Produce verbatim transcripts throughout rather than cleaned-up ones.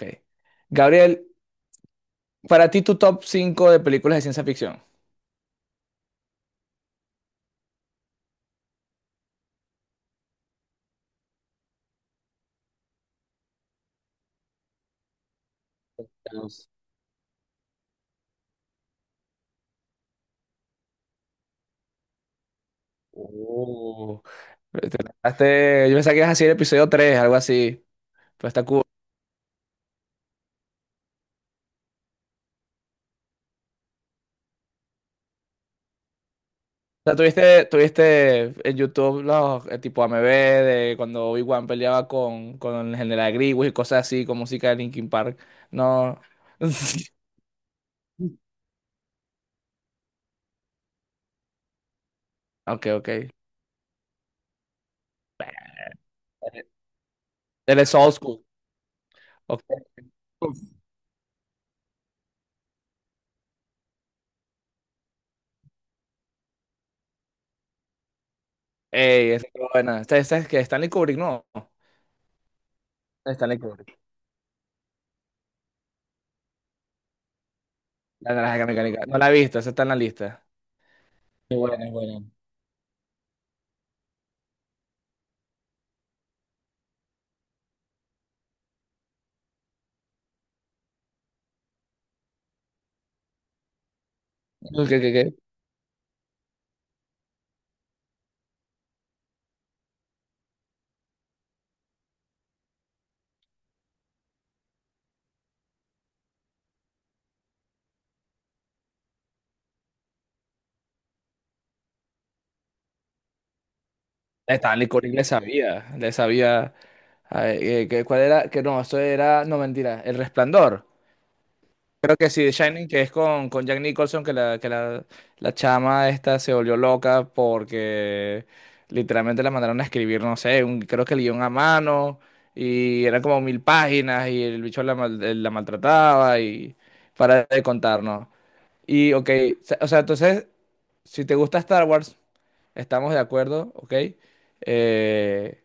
Ok. Gabriel, para ti tu top cinco de películas de ciencia ficción. Oh, te lanzaste. Yo pensaba que ibas a decir el episodio tres, algo así. Pero está cool. O sea, tuviste, tuviste en YouTube los el tipo A M V de cuando Obi-Wan peleaba con, con el general Grievous y cosas así, con música de Linkin Park. No. Ok, ok. Eres old school. Ok. Ey, esa es buena. Esta, esta es que Stanley Kubrick, no. Stanley Kubrick. La naranja mecánica. No la he visto, esa está en la lista. Es buena, es buena. No, Que, que, que estaba Nicole, le sabía, le sabía, eh, eh, que cuál era, que no, esto era, no, mentira, El Resplandor. Creo que sí, The Shining, que es con, con Jack Nicholson, que la, que la, la chama esta se volvió loca porque literalmente la mandaron a escribir, no sé, un- creo que el guión a mano, y eran como mil páginas, y el bicho la mal- la maltrataba, y para de contarnos. Y ok, o sea, entonces, si te gusta Star Wars, estamos de acuerdo, ¿ok? Eh,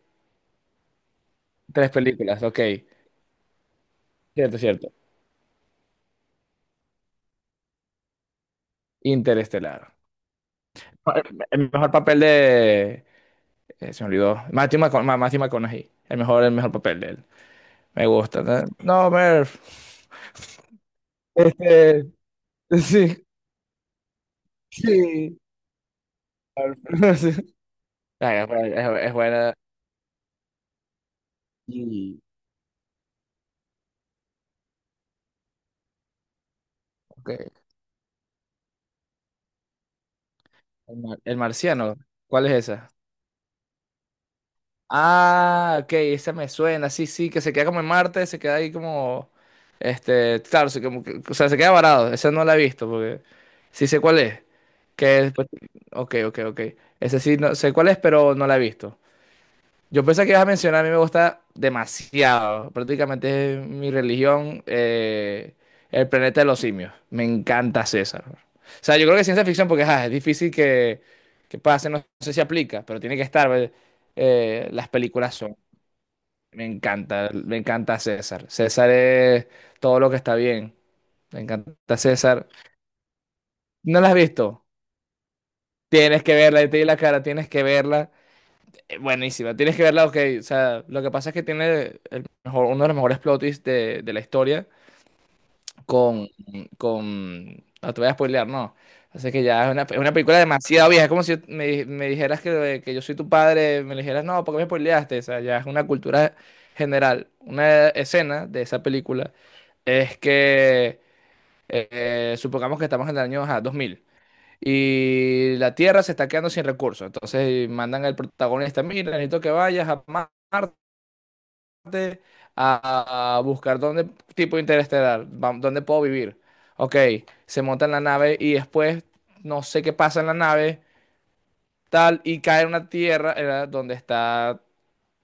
tres películas, ok. Cierto, cierto. Interestelar. El mejor papel de... eh, se me olvidó. Matthew McCona- Ma- Matthew McConaughey. El mejor, el mejor papel de él. Me gusta. ¿No? No, Merv. Este, sí, sí. Ay, es buena, es buena. Y, ok, El mar- El marciano. ¿Cuál es esa? Ah, ok, esa me suena, sí, sí, que se queda como en Marte, se queda ahí como, este, claro, se, como que- o sea, se queda varado, esa no la he visto, porque sí sé cuál es, que después, ok, ok, ok, esa sí, no sé cuál es, pero no la he visto. Yo pensé que ibas a mencionar, a mí me gusta demasiado. Prácticamente es mi religión, eh, el planeta de los simios. Me encanta César. O sea, yo creo que ciencia ficción, porque ajá, es difícil que, que pase, no sé si aplica, pero tiene que estar. ¿Ves? Eh, las películas son. Me encanta, me encanta César. César es todo lo que está bien. Me encanta César. ¿No la has visto? Tienes que verla, y te di la cara, tienes que verla. Eh, Buenísima, tienes que verla, ok. O sea, lo que pasa es que tiene el mejor, uno de los mejores plot twists de, de la historia con, con... No te voy a spoilear, no. Así que ya es una, es una película demasiado vieja. Es como si me di- me dijeras que, que yo soy tu padre, me dijeras, no, ¿por qué me spoileaste? O sea, ya es una cultura general. Una escena de esa película es que, eh, eh, supongamos que estamos en el año ajá, dos mil, y la Tierra se está quedando sin recursos. Entonces mandan al protagonista, mira, necesito que vayas a Marte a, a buscar dónde, tipo Interestelar, va- dónde puedo vivir. Ok, se monta en la nave y después no sé qué pasa en la nave, tal, y cae en una Tierra era donde está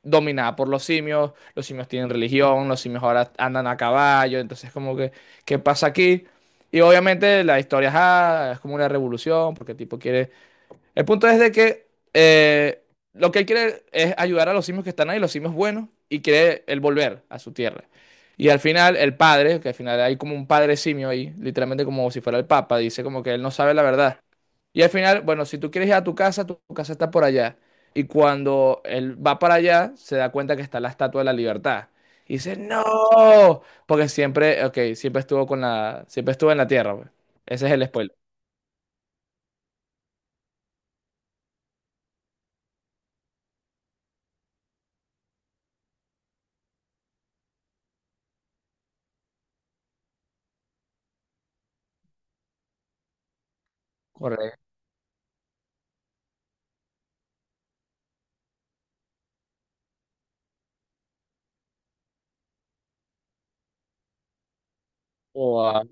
dominada por los simios. Los simios tienen religión, los simios ahora andan a caballo. Entonces como que, ¿qué pasa aquí? Y obviamente la historia ajá, es como una revolución, porque el tipo quiere, el punto es de que eh, lo que él quiere es ayudar a los simios que están ahí, los simios buenos, y quiere él volver a su tierra. Y al final, el padre, que al final hay como un padre simio ahí, literalmente como si fuera el papa, dice como que él no sabe la verdad. Y al final, bueno, si tú quieres ir a tu casa, tu casa está por allá. Y cuando él va para allá, se da cuenta que está la Estatua de la Libertad. Y dice, no, porque siempre, ok, siempre estuvo con la, siempre estuvo en la tierra, pues. Ese es el spoiler. Correcto. Wow.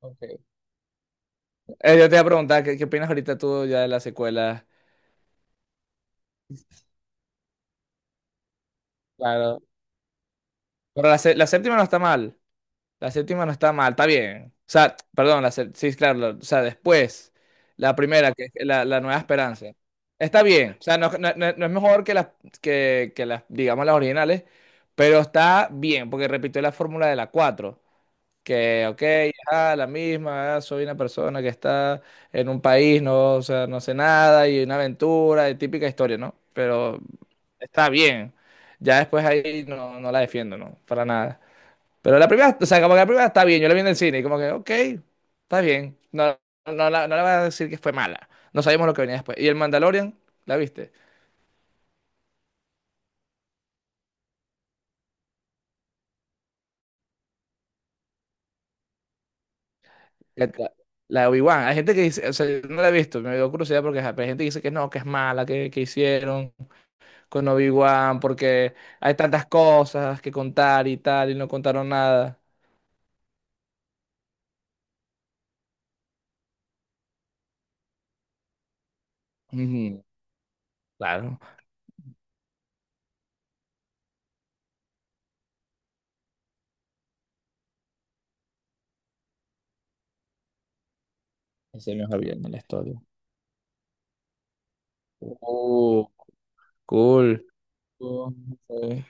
Ok. Eh, yo te iba a preguntar, ¿qué, qué opinas ahorita tú ya de la secuela? Claro. Pero la sé- la séptima no está mal. La séptima no está mal, está bien. O sea, perdón, la sé- sí, claro. la- O sea, después, la primera, que es la, la Nueva Esperanza. Está bien. O sea, no, no- no- no es mejor que las, que, que las, digamos, las originales, pero está bien, porque repitió la fórmula de la cuatro. Que, ok, ah, la misma, ah, soy una persona que está en un país, no, o sea, no hace nada, y una aventura, y típica historia, ¿no? Pero está bien. Ya después ahí no, no la defiendo, ¿no? Para nada. Pero la primera, o sea, como que la primera está bien, yo la vi en el cine y como que, ok, está bien. No, no, la- no le voy a decir que fue mala. No sabíamos lo que venía después. ¿Y el Mandalorian? ¿La viste? La, la- la de Obi-Wan. Hay gente que dice, o sea, yo no la he visto, me dio curiosidad porque ajá, pero hay gente que dice que no, que es mala, que, que hicieron. Con Obi-Wan porque hay tantas cosas que contar y tal, y no contaron nada. Ujú, claro, ese es el mejor bien de la historia. Uh, cool. Uh, ok.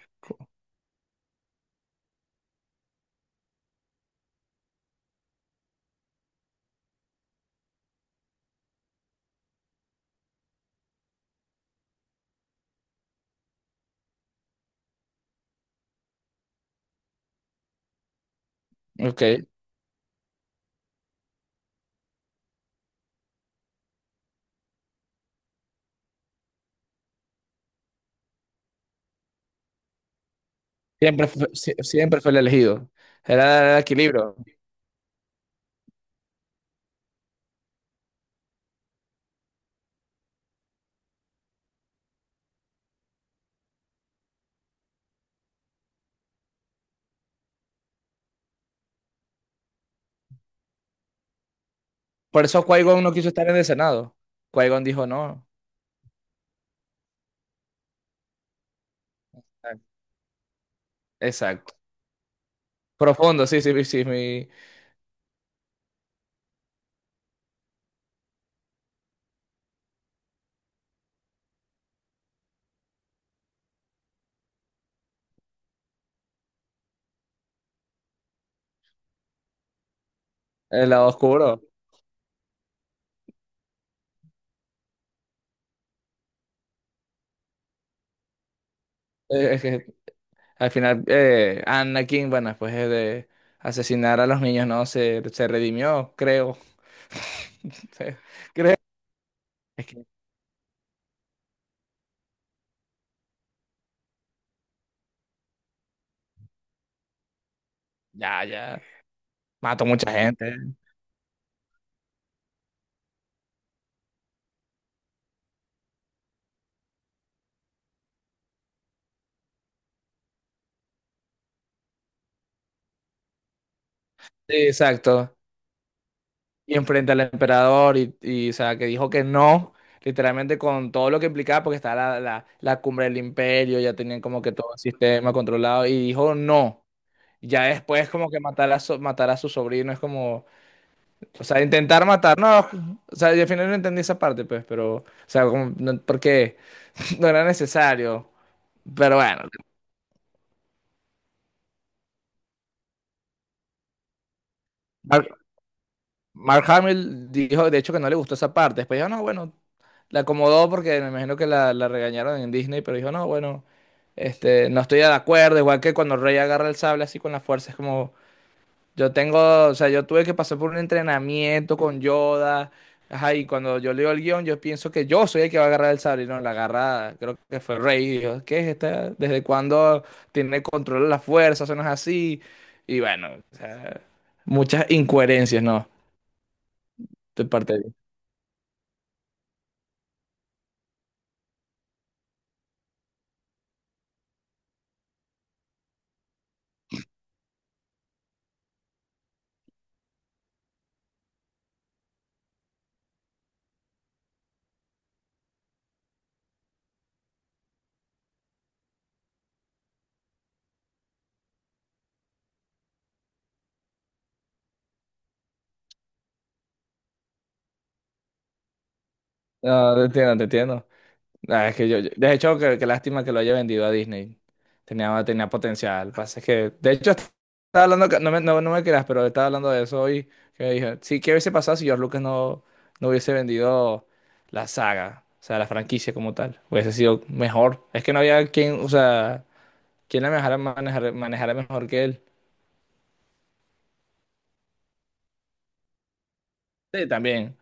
Ok. Siempre fue, sie- siempre fue el elegido. Era el equilibrio. Por eso Qui-Gon no quiso estar en el Senado. Qui-Gon dijo no. Exacto. Profundo, sí, sí, sí, sí, mi, el lado oscuro. Eh, Es que al final, eh, Anakin, bueno, después de de asesinar a los niños, ¿no? Se, se redimió, creo. Se- creo. Es que ya, ya. Mató mucha gente. Sí, exacto. Y enfrente al emperador y, y, o sea, que dijo que no, literalmente con todo lo que implicaba, porque estaba la, la, la cumbre del imperio, ya tenían como que todo el sistema controlado, y dijo no. Ya después como que matar a, so- matar a su sobrino es como... O sea, intentar matar, no. O sea, yo al final no entendí esa parte, pues, pero, o sea, como, no- porque no era necesario. Pero bueno, Mark, Mark Hamill dijo, de hecho, que no le gustó esa parte. Después dijo, no, bueno, la acomodó porque me imagino que la, la regañaron en Disney, pero dijo, no, bueno, este, no estoy de acuerdo. Igual que cuando Rey agarra el sable así con la fuerza, es como, yo tengo, o sea, yo tuve que pasar por un entrenamiento con Yoda. Ajá, y cuando yo leo el guión, yo pienso que yo soy el que va a agarrar el sable, y no, la agarra, creo que fue Rey. Y yo, ¿qué es esta? ¿Desde cuándo tiene control de la fuerza? Eso no es así. Y bueno, o sea, muchas incoherencias, ¿no? De parte de. No, te entiendo, te entiendo. Ah, es que yo, yo- de hecho, qué, qué lástima que lo haya vendido a Disney. Tenía, tenía potencial. Pasa es que, de hecho, estaba hablando, que- no me, no, no me creas, pero estaba hablando de eso hoy. Que dije, sí, ¿qué hubiese pasado si George Lucas no, no hubiese vendido la saga? O sea, la franquicia como tal. Hubiese sido mejor. Es que no había quien, o sea, quien la manejara, manejara, manejara mejor que él. Sí, también.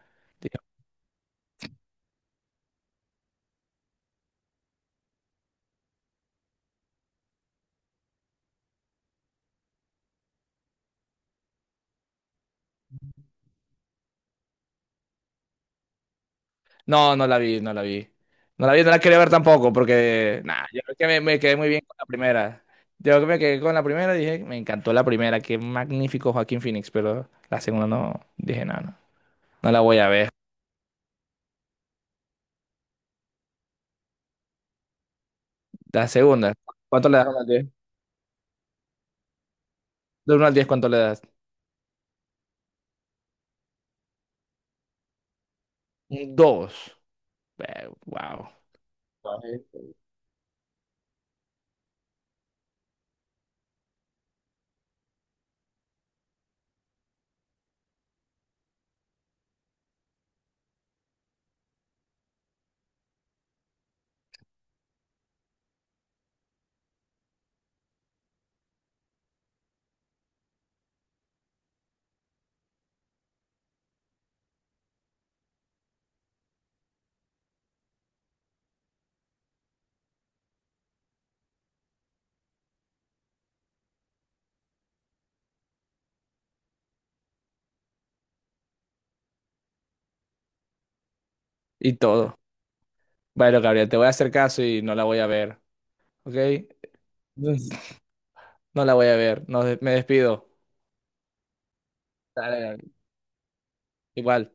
No, no la vi, no la vi. No la vi, no la quería ver tampoco, porque, nada, yo creo que me, me quedé muy bien con la primera. Yo que me quedé con la primera y dije, me encantó la primera, qué magnífico Joaquín Phoenix, pero la segunda no, dije, no, no, no la voy a ver. La segunda, ¿cuánto le das? Uno al diez. De uno al diez, ¿cuánto le das? Un dos. Eh, wow. Y todo. Bueno, Gabriel, te voy a hacer caso y no la voy a ver, ¿ok? No la voy a ver, no, me despido. Dale, Gabriel. Igual.